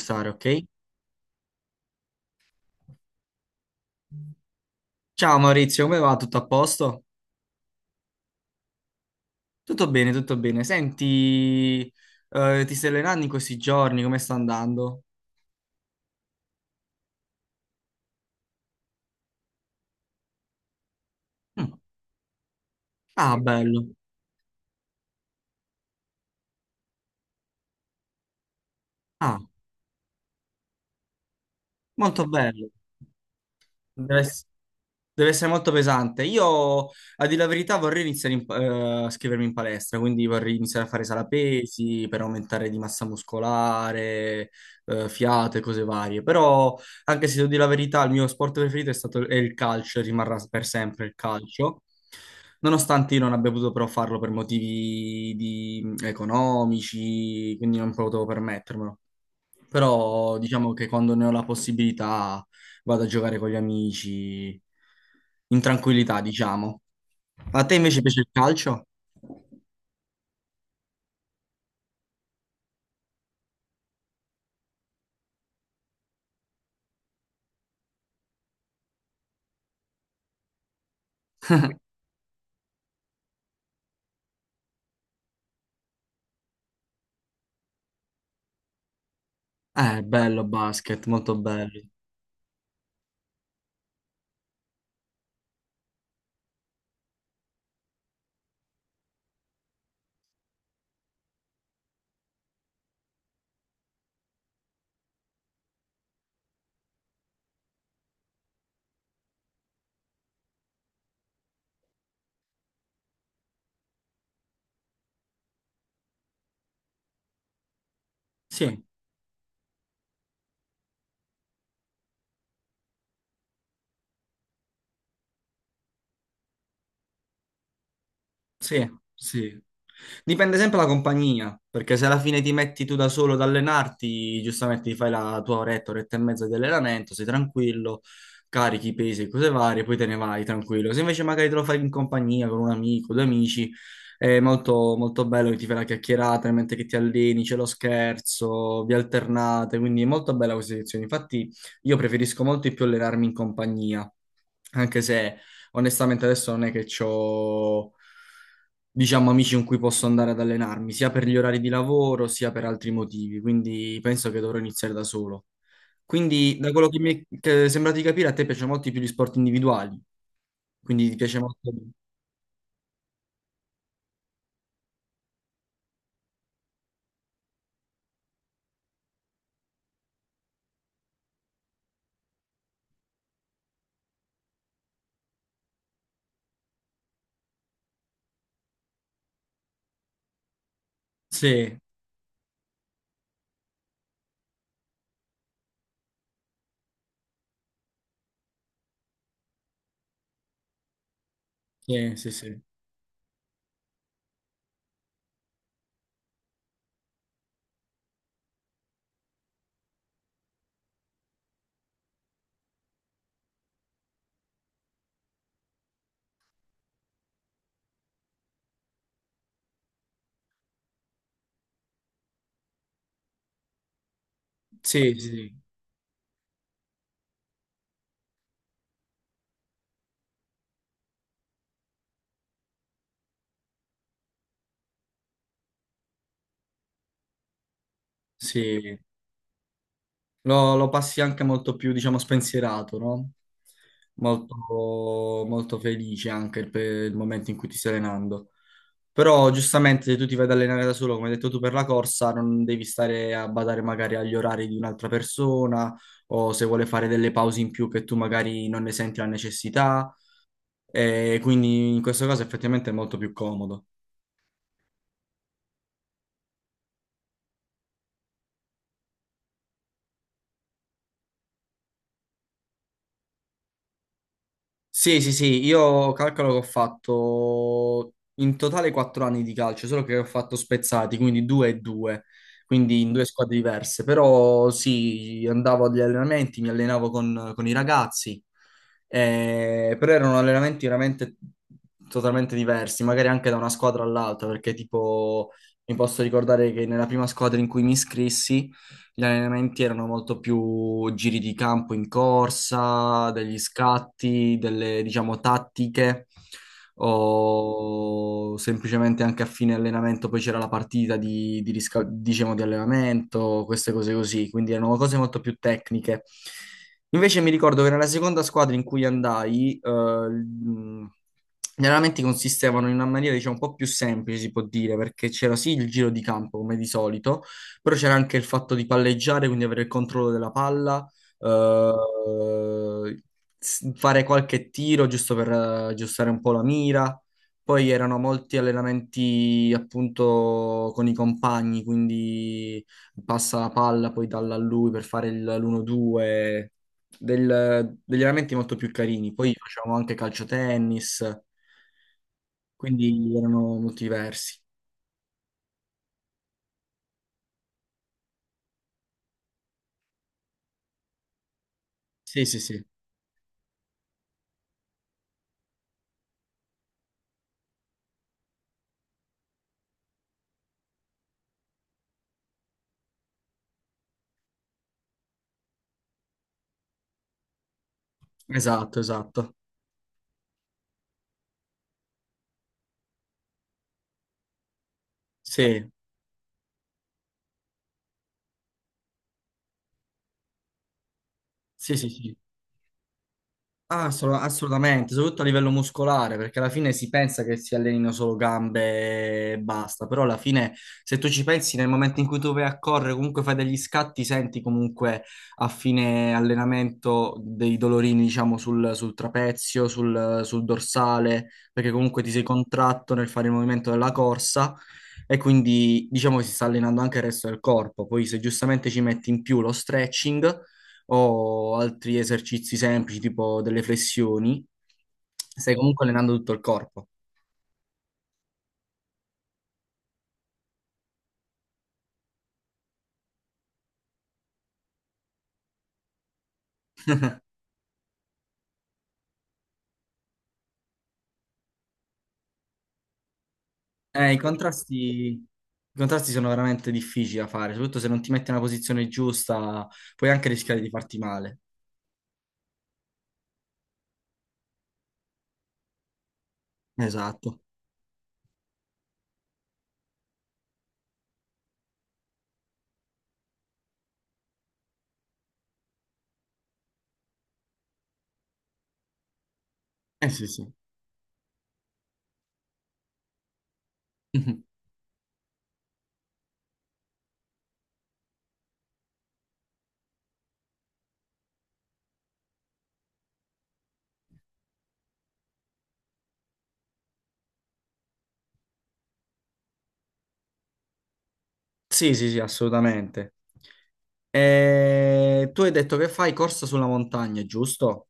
Stare, ok? Ciao Maurizio, come va? Tutto a posto? Tutto bene, tutto bene. Senti, ti stai allenando in questi giorni? Come sta andando? Mm. Ah, bello. Ah, molto bello. Deve essere molto pesante. Io, a dire la verità, vorrei iniziare a scrivermi in palestra, quindi vorrei iniziare a fare sala pesi per aumentare di massa muscolare, fiato e cose varie. Però, anche se devo dire la verità, il mio sport preferito è il calcio, e rimarrà per sempre il calcio. Nonostante io non abbia potuto però farlo per motivi economici, quindi non potevo permettermelo. Però diciamo che quando ne ho la possibilità vado a giocare con gli amici in tranquillità, diciamo. A te invece piace il calcio? Bello basket, molto bello. Sì, sì, sì. Dipende sempre dalla compagnia, perché se alla fine ti metti tu da solo ad allenarti, giustamente ti fai la tua oretta, oretta e mezza di allenamento, sei tranquillo, carichi i pesi e cose varie, poi te ne vai tranquillo. Se invece magari te lo fai in compagnia con un amico, due amici, è molto, molto bello che ti fai la chiacchierata, mentre che ti alleni, c'è lo scherzo, vi alternate, quindi è molto bella questa edizione. Infatti io preferisco molto di più allenarmi in compagnia anche se onestamente adesso non è che ho, diciamo, amici con cui posso andare ad allenarmi, sia per gli orari di lavoro, sia per altri motivi, quindi penso che dovrò iniziare da solo. Quindi, da quello che mi è che è sembrato di capire, a te piacciono molto di più gli sport individuali, quindi ti piace molto. Sì, sì, sì, sì, sì, sì, sì. Sì. Lo passi anche molto più, diciamo, spensierato, no? Molto, molto felice anche per il momento in cui ti stai allenando. Però giustamente se tu ti vai ad allenare da solo, come hai detto tu per la corsa, non devi stare a badare magari agli orari di un'altra persona o se vuole fare delle pause in più che tu magari non ne senti la necessità. E quindi in questo caso effettivamente è molto più comodo. Sì, sì, sì, io calcolo che ho fatto in totale 4 anni di calcio, solo che ho fatto spezzati, quindi due e due, quindi in due squadre diverse. Però sì, andavo agli allenamenti, mi allenavo con i ragazzi, però erano allenamenti veramente totalmente diversi, magari anche da una squadra all'altra, perché tipo mi posso ricordare che nella prima squadra in cui mi iscrissi gli allenamenti erano molto più giri di campo in corsa, degli scatti, delle, diciamo, tattiche o semplicemente anche a fine allenamento poi c'era la partita diciamo, di allenamento, queste cose così, quindi erano cose molto più tecniche. Invece mi ricordo che nella seconda squadra in cui andai, gli allenamenti consistevano in una maniera, diciamo, un po' più semplice, si può dire, perché c'era sì il giro di campo, come di solito, però c'era anche il fatto di palleggiare, quindi avere il controllo della palla, eh, fare qualche tiro giusto per aggiustare un po' la mira. Poi erano molti allenamenti appunto con i compagni, quindi passa la palla poi dalla a lui per fare l'1-2, degli allenamenti molto più carini. Poi facevamo anche calciotennis, quindi erano molto diversi. Sì, sì, sì, esatto, esatto. Sì, sì, sì, sì. Ah, assolutamente, soprattutto a livello muscolare, perché alla fine si pensa che si allenino solo gambe e basta, però alla fine se tu ci pensi nel momento in cui tu vai a correre, comunque fai degli scatti, senti comunque a fine allenamento dei dolorini, diciamo, sul trapezio, sul dorsale, perché comunque ti sei contratto nel fare il movimento della corsa e quindi diciamo che si sta allenando anche il resto del corpo. Poi se giustamente ci metti in più lo stretching o altri esercizi semplici, tipo delle flessioni, stai comunque allenando tutto il corpo. Eh, i contrasti, i contrasti sono veramente difficili da fare, soprattutto se non ti metti nella posizione giusta, puoi anche rischiare di farti male. Esatto. Eh sì, sì. Mhm. Sì, sì, sì, assolutamente. Tu hai detto che fai corsa sulla montagna, giusto?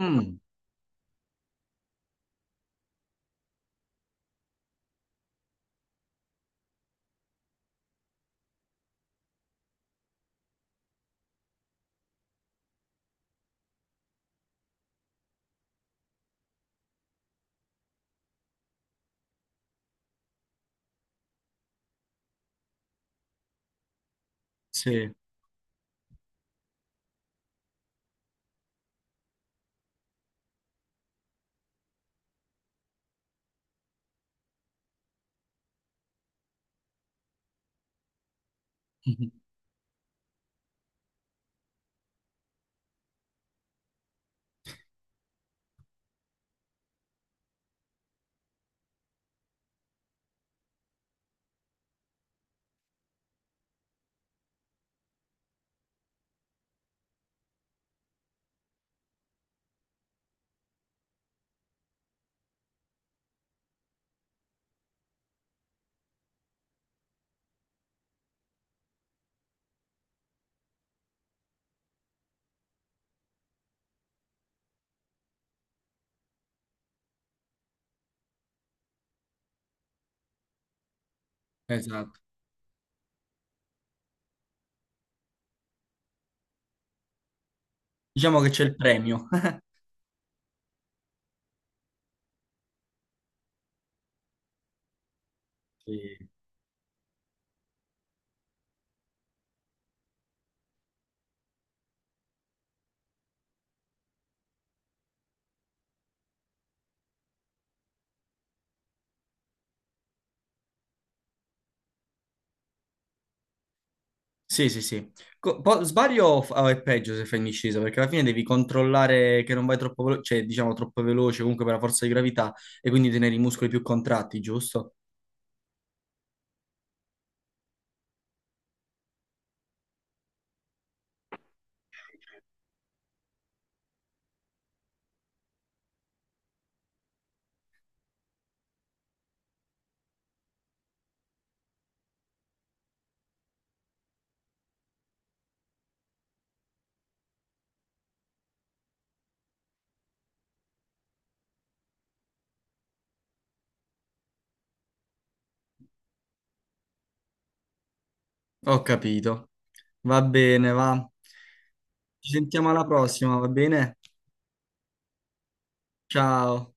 Mm, sì, esatto. Diciamo che c'è il premio. Sì. Sì, sì, sì. Sbaglio o è peggio se fai in discesa, perché alla fine devi controllare che non vai troppo veloce, cioè diciamo troppo veloce comunque per la forza di gravità e quindi tenere i muscoli più contratti, giusto? Ho capito. Va bene, va. Ci sentiamo alla prossima, va bene? Ciao.